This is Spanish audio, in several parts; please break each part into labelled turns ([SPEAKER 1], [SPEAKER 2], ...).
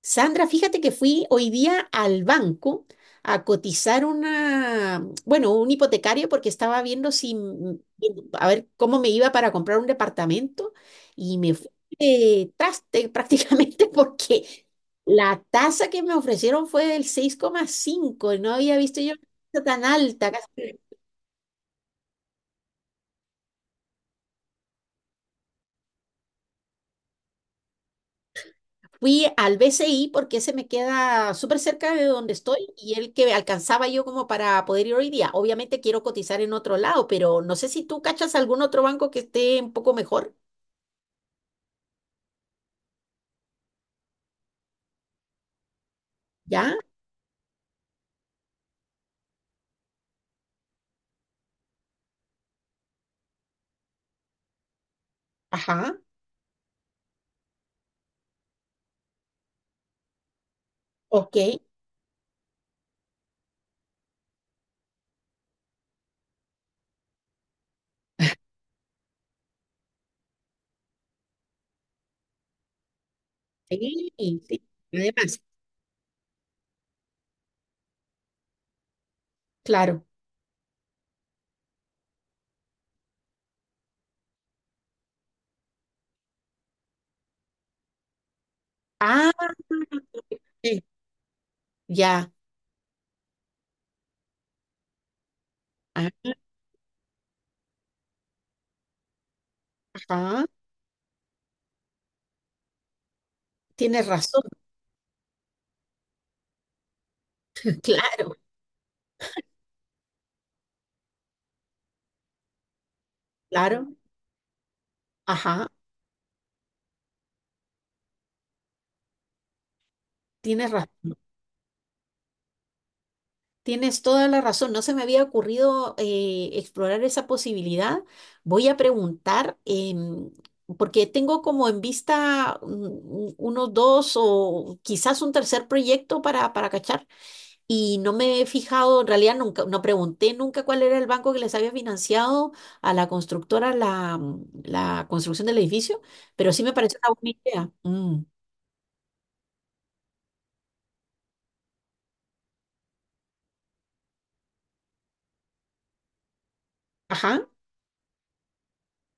[SPEAKER 1] Sandra, fíjate que fui hoy día al banco a cotizar bueno, un hipotecario porque estaba viendo si, a ver cómo me iba para comprar un departamento y me fui de traste prácticamente porque la tasa que me ofrecieron fue del 6,5. No había visto yo una tasa tan alta, casi. Fui al BCI porque ese me queda súper cerca de donde estoy y el que alcanzaba yo como para poder ir hoy día. Obviamente quiero cotizar en otro lado, pero no sé si tú cachas algún otro banco que esté un poco mejor. ¿Ya? Ajá. Ok. Sí, sí, sí, además, claro. Ah, ok, ya. Ah, ajá. Tienes razón. Claro, claro. Ajá. Tienes razón. Tienes toda la razón, no se me había ocurrido explorar esa posibilidad. Voy a preguntar, porque tengo como en vista unos dos o quizás un tercer proyecto para cachar y no me he fijado, en realidad nunca, no pregunté nunca cuál era el banco que les había financiado a la constructora la construcción del edificio, pero sí me parece una buena idea. Mm. Ajá.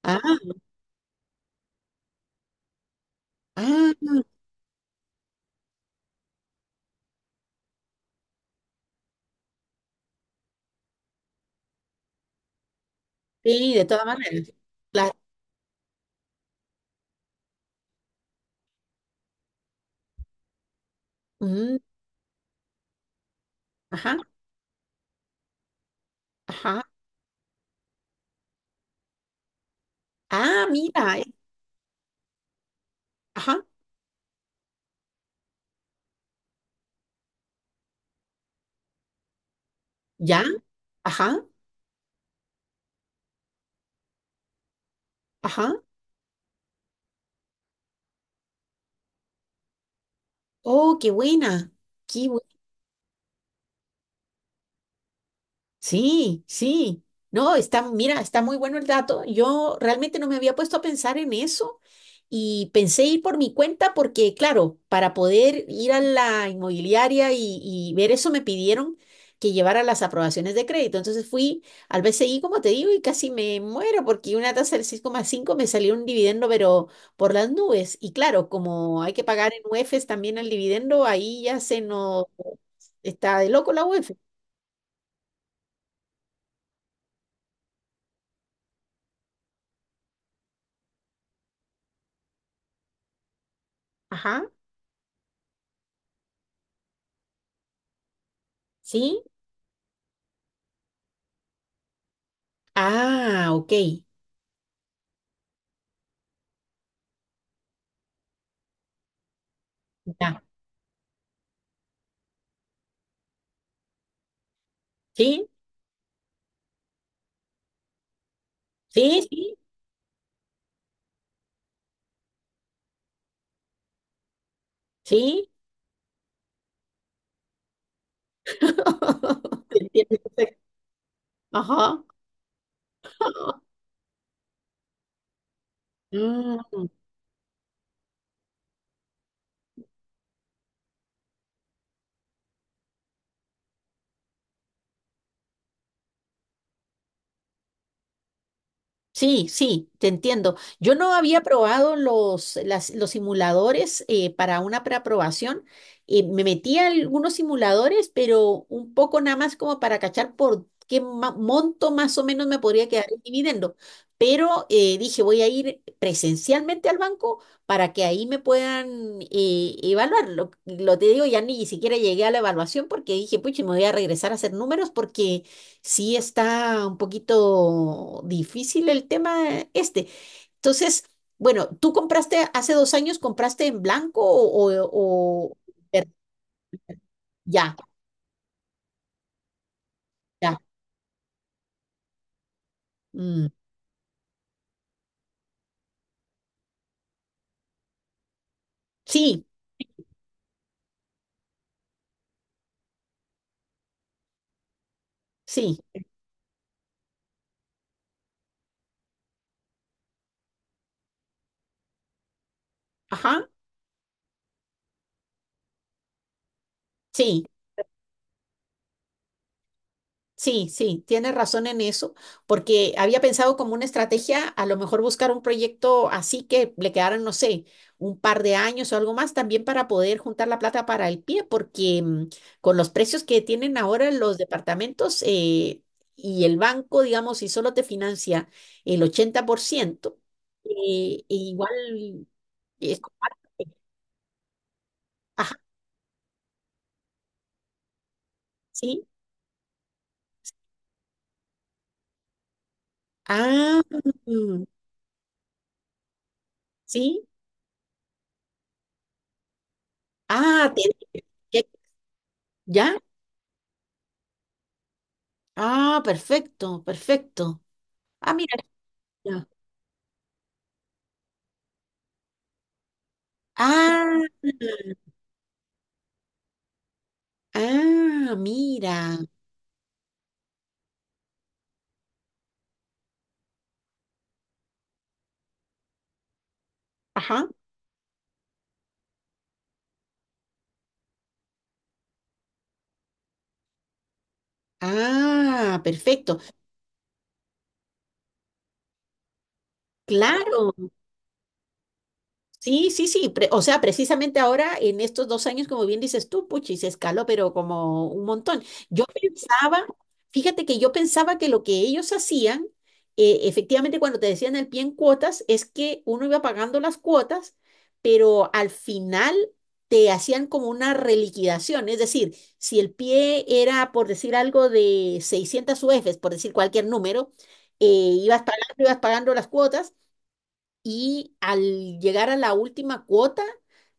[SPEAKER 1] Ah, ah, sí, de todas maneras. Claro. Mm, ajá. Ajá. Ah, mira. Ajá. Ya. Ajá. Ajá. Oh, qué buena. Qué buena. Sí, sí. No, está, mira, está muy bueno el dato. Yo realmente no me había puesto a pensar en eso y pensé ir por mi cuenta porque, claro, para poder ir a la inmobiliaria y ver eso me pidieron que llevara las aprobaciones de crédito. Entonces fui al BCI, como te digo, y casi me muero porque una tasa del seis coma cinco me salió un dividendo, pero por las nubes. Y claro, como hay que pagar en UEFs también el dividendo, ahí ya se nos está de loco la UEF. Ajá, sí. Ah, ok. Ya. Sí, sí, sí, sí. Entiendo perfecto. Ajá. Mm. Sí, sí, te entiendo. Yo no había probado los simuladores para una preaprobación. Me metí a algunos simuladores, pero un poco nada más como para cachar por qué monto más o menos me podría quedar el dividendo. Pero dije, voy a ir presencialmente al banco para que ahí me puedan evaluar. Lo, te digo, ya ni siquiera llegué a la evaluación porque dije, pucha, me voy a regresar a hacer números porque sí, está un poquito difícil el tema este. Entonces, bueno, ¿tú compraste hace dos años? ¿Compraste en blanco o ya, ya? Mm, sí, sí, ajá, sí. Sí, sí, tienes razón en eso, porque había pensado como una estrategia a lo mejor buscar un proyecto así que le quedaran, no sé, un par de años o algo más también para poder juntar la plata para el pie, porque con los precios que tienen ahora los departamentos, y el banco, digamos, si solo te financia el 80%, e igual es complicado. Ajá, sí. Ah, mm, sí. Ah, ¿qué? ¿Ya? Ah, perfecto, perfecto. Ah, mira. Ya. Ah, ah, mira. Ajá. Ah, perfecto. Claro, sí, sí, sí. O sea, precisamente ahora, en estos dos años, como bien dices tú, puchi, se escaló, pero como un montón. Yo pensaba, Fíjate que yo pensaba que lo que ellos hacían, efectivamente, cuando te decían el pie en cuotas, es que uno iba pagando las cuotas, pero al final te hacían como una reliquidación. Es decir, si el pie era, por decir algo, de 600 UFs, por decir cualquier número, ibas pagando las cuotas y al llegar a la última cuota,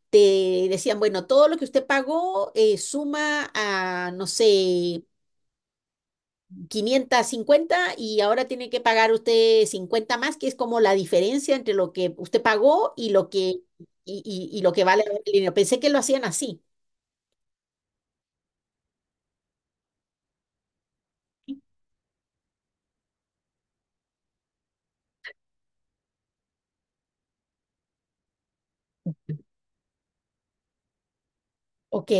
[SPEAKER 1] te decían, bueno, todo lo que usted pagó, suma a, no sé, 550 y ahora tiene que pagar usted 50 más, que es como la diferencia entre lo que usted pagó y lo que, y lo que vale el dinero. Pensé que lo hacían así. Ok.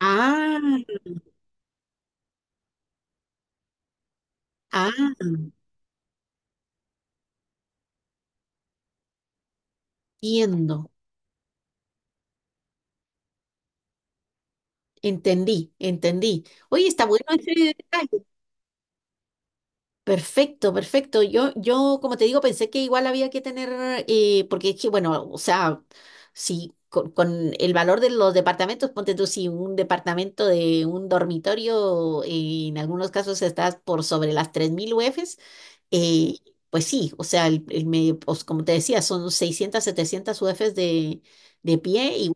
[SPEAKER 1] Ah, ah, entiendo, entendí, entendí. Oye, está bueno ese detalle. Perfecto, perfecto. Yo, como te digo, pensé que igual había que tener, porque es que, bueno, o sea, si con el valor de los departamentos, ponte tú, si un departamento de un dormitorio, en algunos casos estás por sobre las 3000 UFs, eh, pues sí, o sea, el medio, pues, como te decía, son 600, 700 UFs de pie y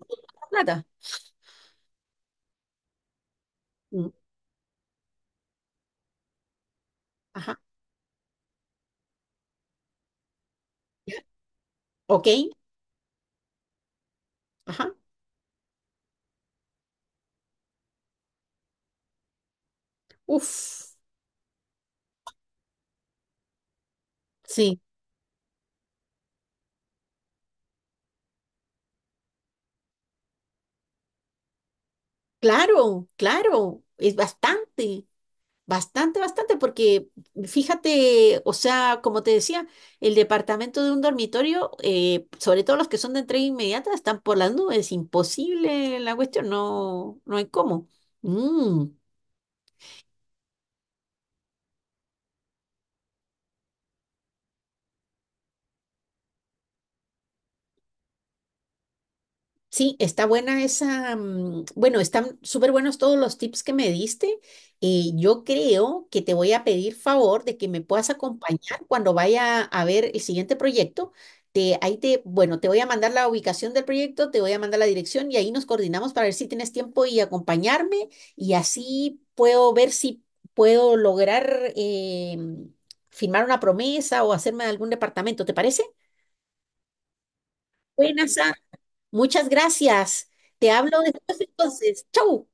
[SPEAKER 1] plata. Mm, ajá. Ok, ajá. Uf, sí. Claro, claro, es bastante, bastante, bastante, porque fíjate, o sea, como te decía, el departamento de un dormitorio, sobre todo los que son de entrega inmediata, están por las nubes, imposible la cuestión, no, no hay cómo. Mm. Sí, está buena esa. Bueno, están súper buenos todos los tips que me diste. Yo creo que te voy a pedir favor de que me puedas acompañar cuando vaya a ver el siguiente proyecto. Te, ahí te, bueno, te voy a mandar la ubicación del proyecto, te voy a mandar la dirección y ahí nos coordinamos para ver si tienes tiempo y acompañarme y así puedo ver si puedo lograr firmar una promesa o hacerme de algún departamento. ¿Te parece? Buenas. Muchas gracias. Te hablo después entonces. ¡Chau!